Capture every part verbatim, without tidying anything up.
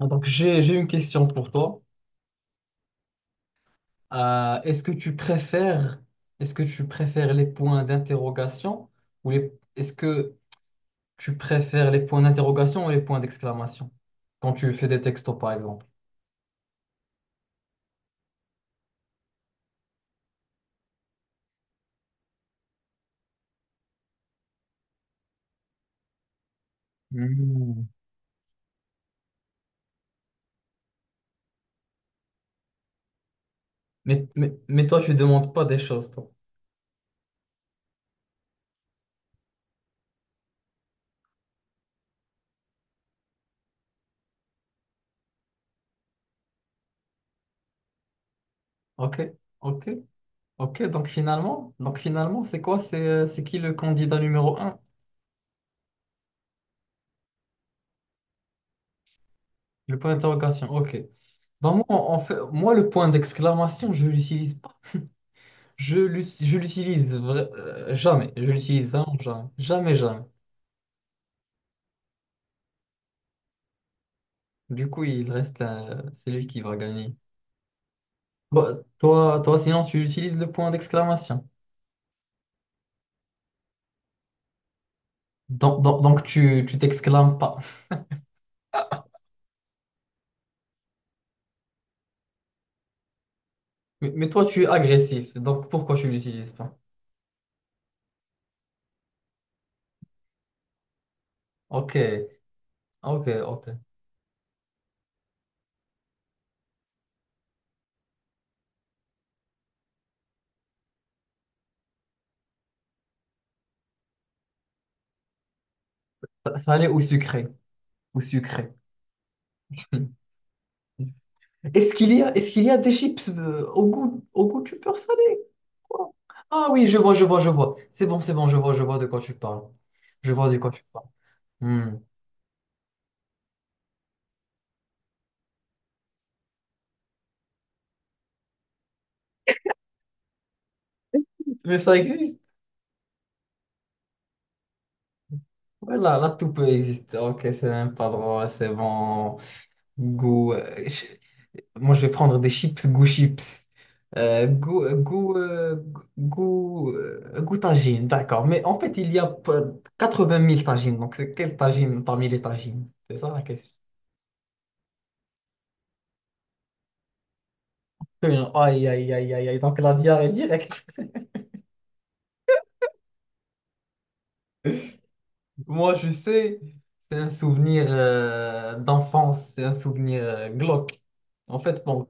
Ah, Donc j'ai j'ai une question pour toi. Euh, est-ce que tu préfères, est-ce que tu préfères les points d'interrogation ou les est-ce que tu préfères les points d'interrogation ou les points d'exclamation quand tu fais des textos par exemple? Hmm. Mais, mais, mais toi tu demandes pas des choses toi. OK? OK? OK, donc finalement, donc finalement, c'est quoi? C'est euh, c'est qui le candidat numéro un? Le point d'interrogation. OK. Bah, moi, en fait, moi le point d'exclamation, je l'utilise. Je l'ut- je l'utilise vra- euh, jamais. Je l'utilise vraiment jamais. Jamais, jamais. Du coup, il reste euh, c'est lui qui va gagner. Bah, toi, toi, sinon, tu utilises le point d'exclamation. Donc, donc, donc, tu, tu t'exclames pas. Mais, mais toi, tu es agressif. Donc, pourquoi tu l'utilises pas? Ok, ok, ok. Ça, ça allait au sucré. Au sucré. Est-ce qu'il y a, est-ce qu'il y a des chips euh, au goût, au goût du beurre salé? Quoi? Ah oui, je vois, je vois, je vois. C'est bon, c'est bon, je vois, je vois de quoi tu parles. Je vois de quoi tu parles. Hmm. Mais ça existe. Voilà là, tout peut exister. Ok, c'est même pas drôle, c'est bon. Goût. euh, ch- Moi, je vais prendre des chips, goût chips. Euh, goût, euh, goût, euh, goût, euh, goût tagine, d'accord. Mais en fait, il y a pas- quatre-vingt mille tagines. Donc, c'est quelle tagine parmi les tagines? C'est ça la question. Aïe, aïe, aïe, aïe, aïe. Donc, la diarrhée directe. Moi, je sais, c'est un souvenir euh, d'enfance, c'est un souvenir euh, glauque. En fait, bon,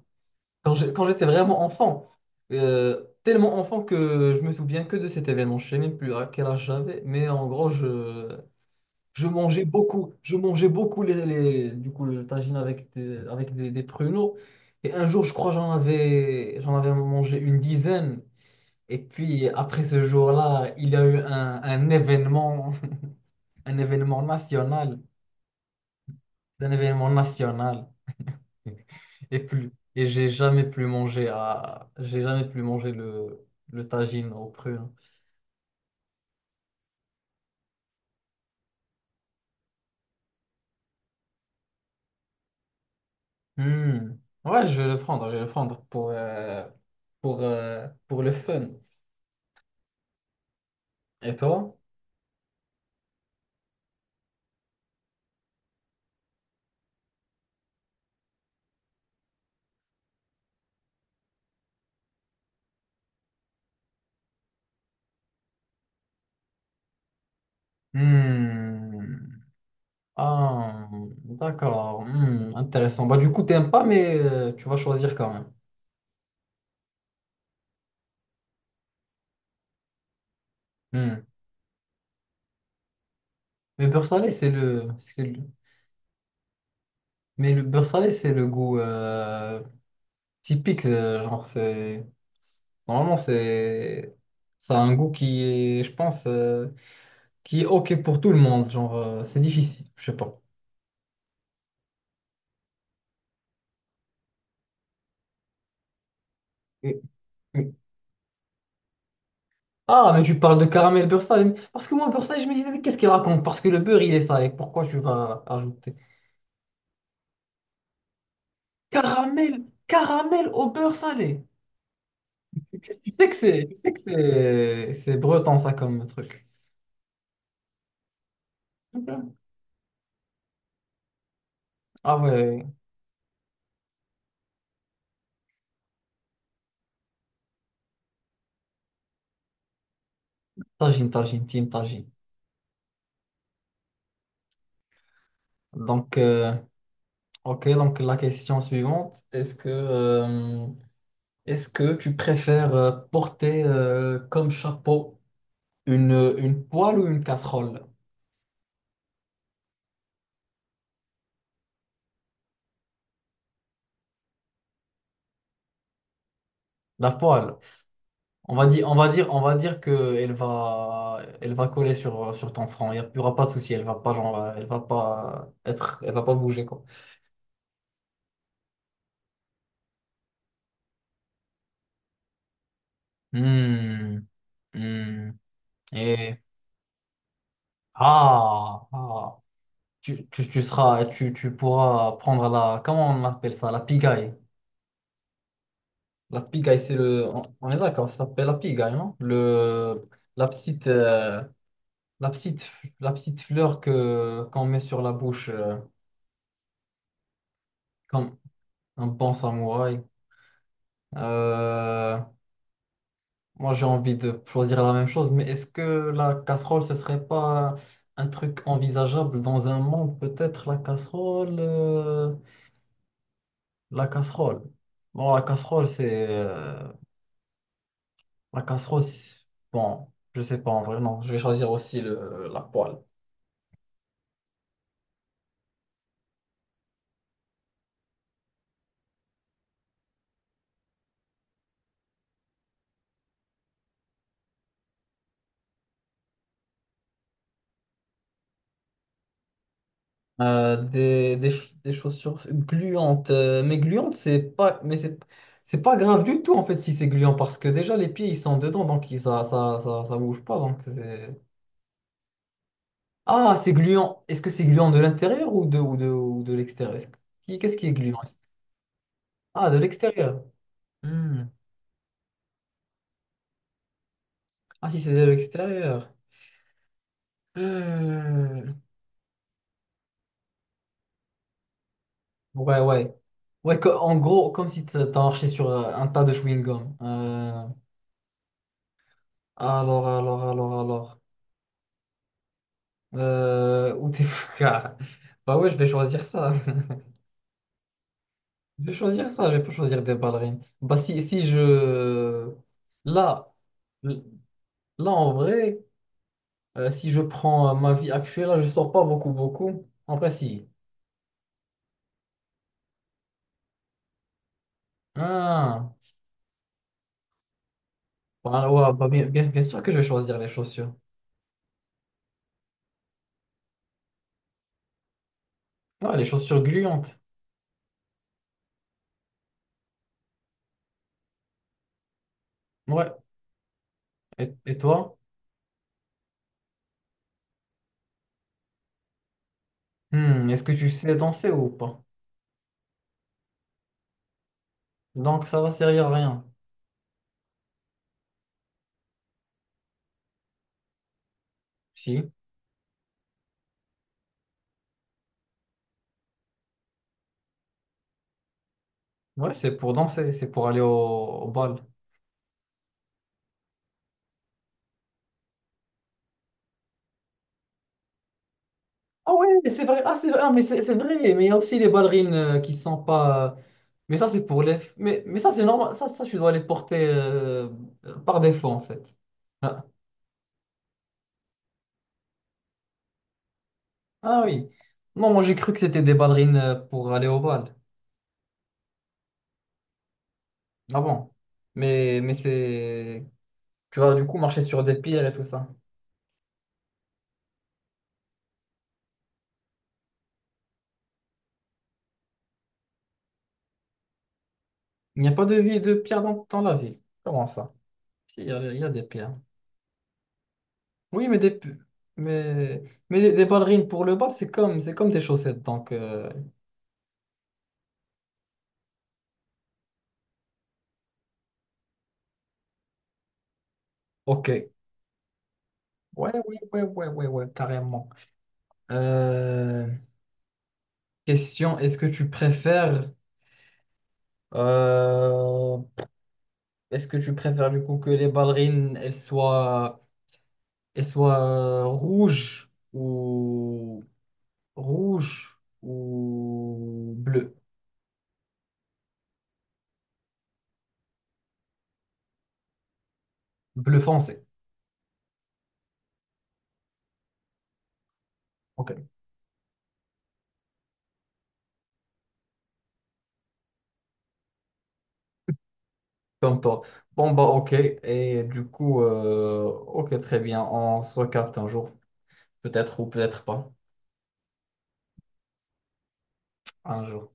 Quand je- quand j'étais vraiment enfant, euh, tellement enfant que je me souviens que de cet événement. Je sais même plus à quel âge j'avais, mais en gros, je, je mangeais beaucoup. Je mangeais beaucoup les, les- du coup, le tagine avec des, avec des, des pruneaux. Et un jour, je crois, j'en avais, j'en avais mangé une dizaine. Et puis, après ce jour-là, il y a eu un, un événement, un événement national, un événement national. Et plus. Et j'ai jamais plus mangé à... J'ai jamais plus mangé le, le tagine au prune. Hmm. Ouais, je vais le prendre, je vais le prendre pour, euh, pour, euh, pour le fun. Et toi? Hmm. Ah, d'accord. Hmm, intéressant. Bah, du coup, t'aimes pas, mais euh, tu vas choisir quand même. Hmm. Mais beurre salé, c'est le, c'est le- Mais le beurre salé, c'est le goût. Euh, typique, euh, genre c'est normalement c'est ça a un goût qui est, je pense, euh, qui est ok pour tout le monde. Genre euh, c'est difficile, je sais pas. Et- mais- Ah, mais tu parles de caramel beurre salé. Parce que moi, beurre salé, je me disais, mais qu'est-ce qu'il raconte? Parce que le beurre, il est salé. Pourquoi tu vas ajouter caramel, caramel au beurre salé? Tu sais que c'est, tu sais que c'est, c'est breton, ça, comme truc. Ok. Ah ouais, tagine, tagine, team, tagine. Donc, euh, ok, donc la question suivante, est-ce que, euh, est-ce que tu préfères euh, porter euh, comme chapeau une, une poêle ou une casserole? La poêle. On va dire, on va dire, on va dire que elle va, elle va coller sur, sur ton front. Il n'y aura pas de souci. Elle va pas, genre, euh, elle va pas être, elle va pas bouger quoi. Hmm, hmm. Et ah, ah. Tu, tu, tu seras, tu, tu pourras prendre la, comment on appelle ça, la pigaille. La pigaille, c'est le. On on est d'accord, ça s'appelle la pigaille, non? Le... La petite, euh, la petite, la petite fleur que qu'on met sur la bouche, euh, comme un bon samouraï. Euh, Moi, j'ai envie de choisir la même chose, mais est-ce que la casserole, ce serait pas un truc envisageable dans un monde? Peut-être la casserole. euh, La casserole. Bon, la casserole, c'est. euh, La casserole, c'est- bon, je sais pas en vrai, non. Je vais choisir aussi le... la poêle. Euh, des, des, ch- des chaussures gluantes. Euh, mais gluantes, c'est pas, mais c'est, c'est pas grave du tout en fait si c'est gluant parce que déjà les pieds ils sont dedans donc ils- ça, ça, ça, ça bouge pas. Donc c'est... Ah, c'est gluant. Est-ce que c'est gluant de l'intérieur ou de, ou de, ou de l'extérieur? Est-ce que- qui- Qu'est-ce qui est gluant? Est-ce- Ah, de l'extérieur. Hmm. Ah, si c'est de l'extérieur. Hmm. Ouais, ouais. Ouais, co- en gros, comme si t'as t'as marché sur euh, un tas de chewing-gum. Euh, Alors, alors, alors, alors. Euh, ou des Ah, bah ouais, je vais choisir ça. Je vais choisir ça, je vais pas choisir des ballerines. Bah si, si je... Là, là en vrai, euh, si je prends euh, ma vie actuelle, là, je sors pas beaucoup, beaucoup. En vrai, si. Ah, bah, ouais, bah, bien, bien, bien sûr que je vais choisir les chaussures. Ouais, les chaussures gluantes. Ouais. Et, et toi? Hmm, est-ce que tu sais danser ou pas? Donc ça va servir à rien. Si. Ouais, c'est pour danser, c'est pour aller au au bal. Ah ouais, mais c'est vrai, ah, c'est vrai, ah, mais c'est c'est vrai, mais il y a aussi les ballerines euh, qui sont pas. euh, Mais ça, c'est pour les. Mais, mais ça, c'est normal, ça, ça, tu dois les porter euh, euh, par défaut, en fait. Ah, ah oui. Non, moi, j'ai cru que c'était des ballerines euh, pour aller au bal. Ah bon. Mais, mais c'est. Tu vas du coup marcher sur des pierres et tout ça. Il n'y a pas de vie de pierre dans, dans la ville. Comment ça? Si, il y a, il y a des pierres. Oui, mais des. Pu- Mais, mais des, des ballerines pour le bal, c'est comme, c'est comme des chaussettes, donc. euh, Ok. Ouais, ouais, ouais, ouais, ouais, ouais, carrément. Euh, question, est-ce que tu préfères, euh, est-ce que tu préfères du coup que les ballerines, elles soient, elles soient euh, rouges ou rouges ou bleues, bleu foncé. Ok, comme toi. Bon bah ok, et du coup, euh, ok, très bien, on se capte un jour, peut-être ou peut-être pas, un jour.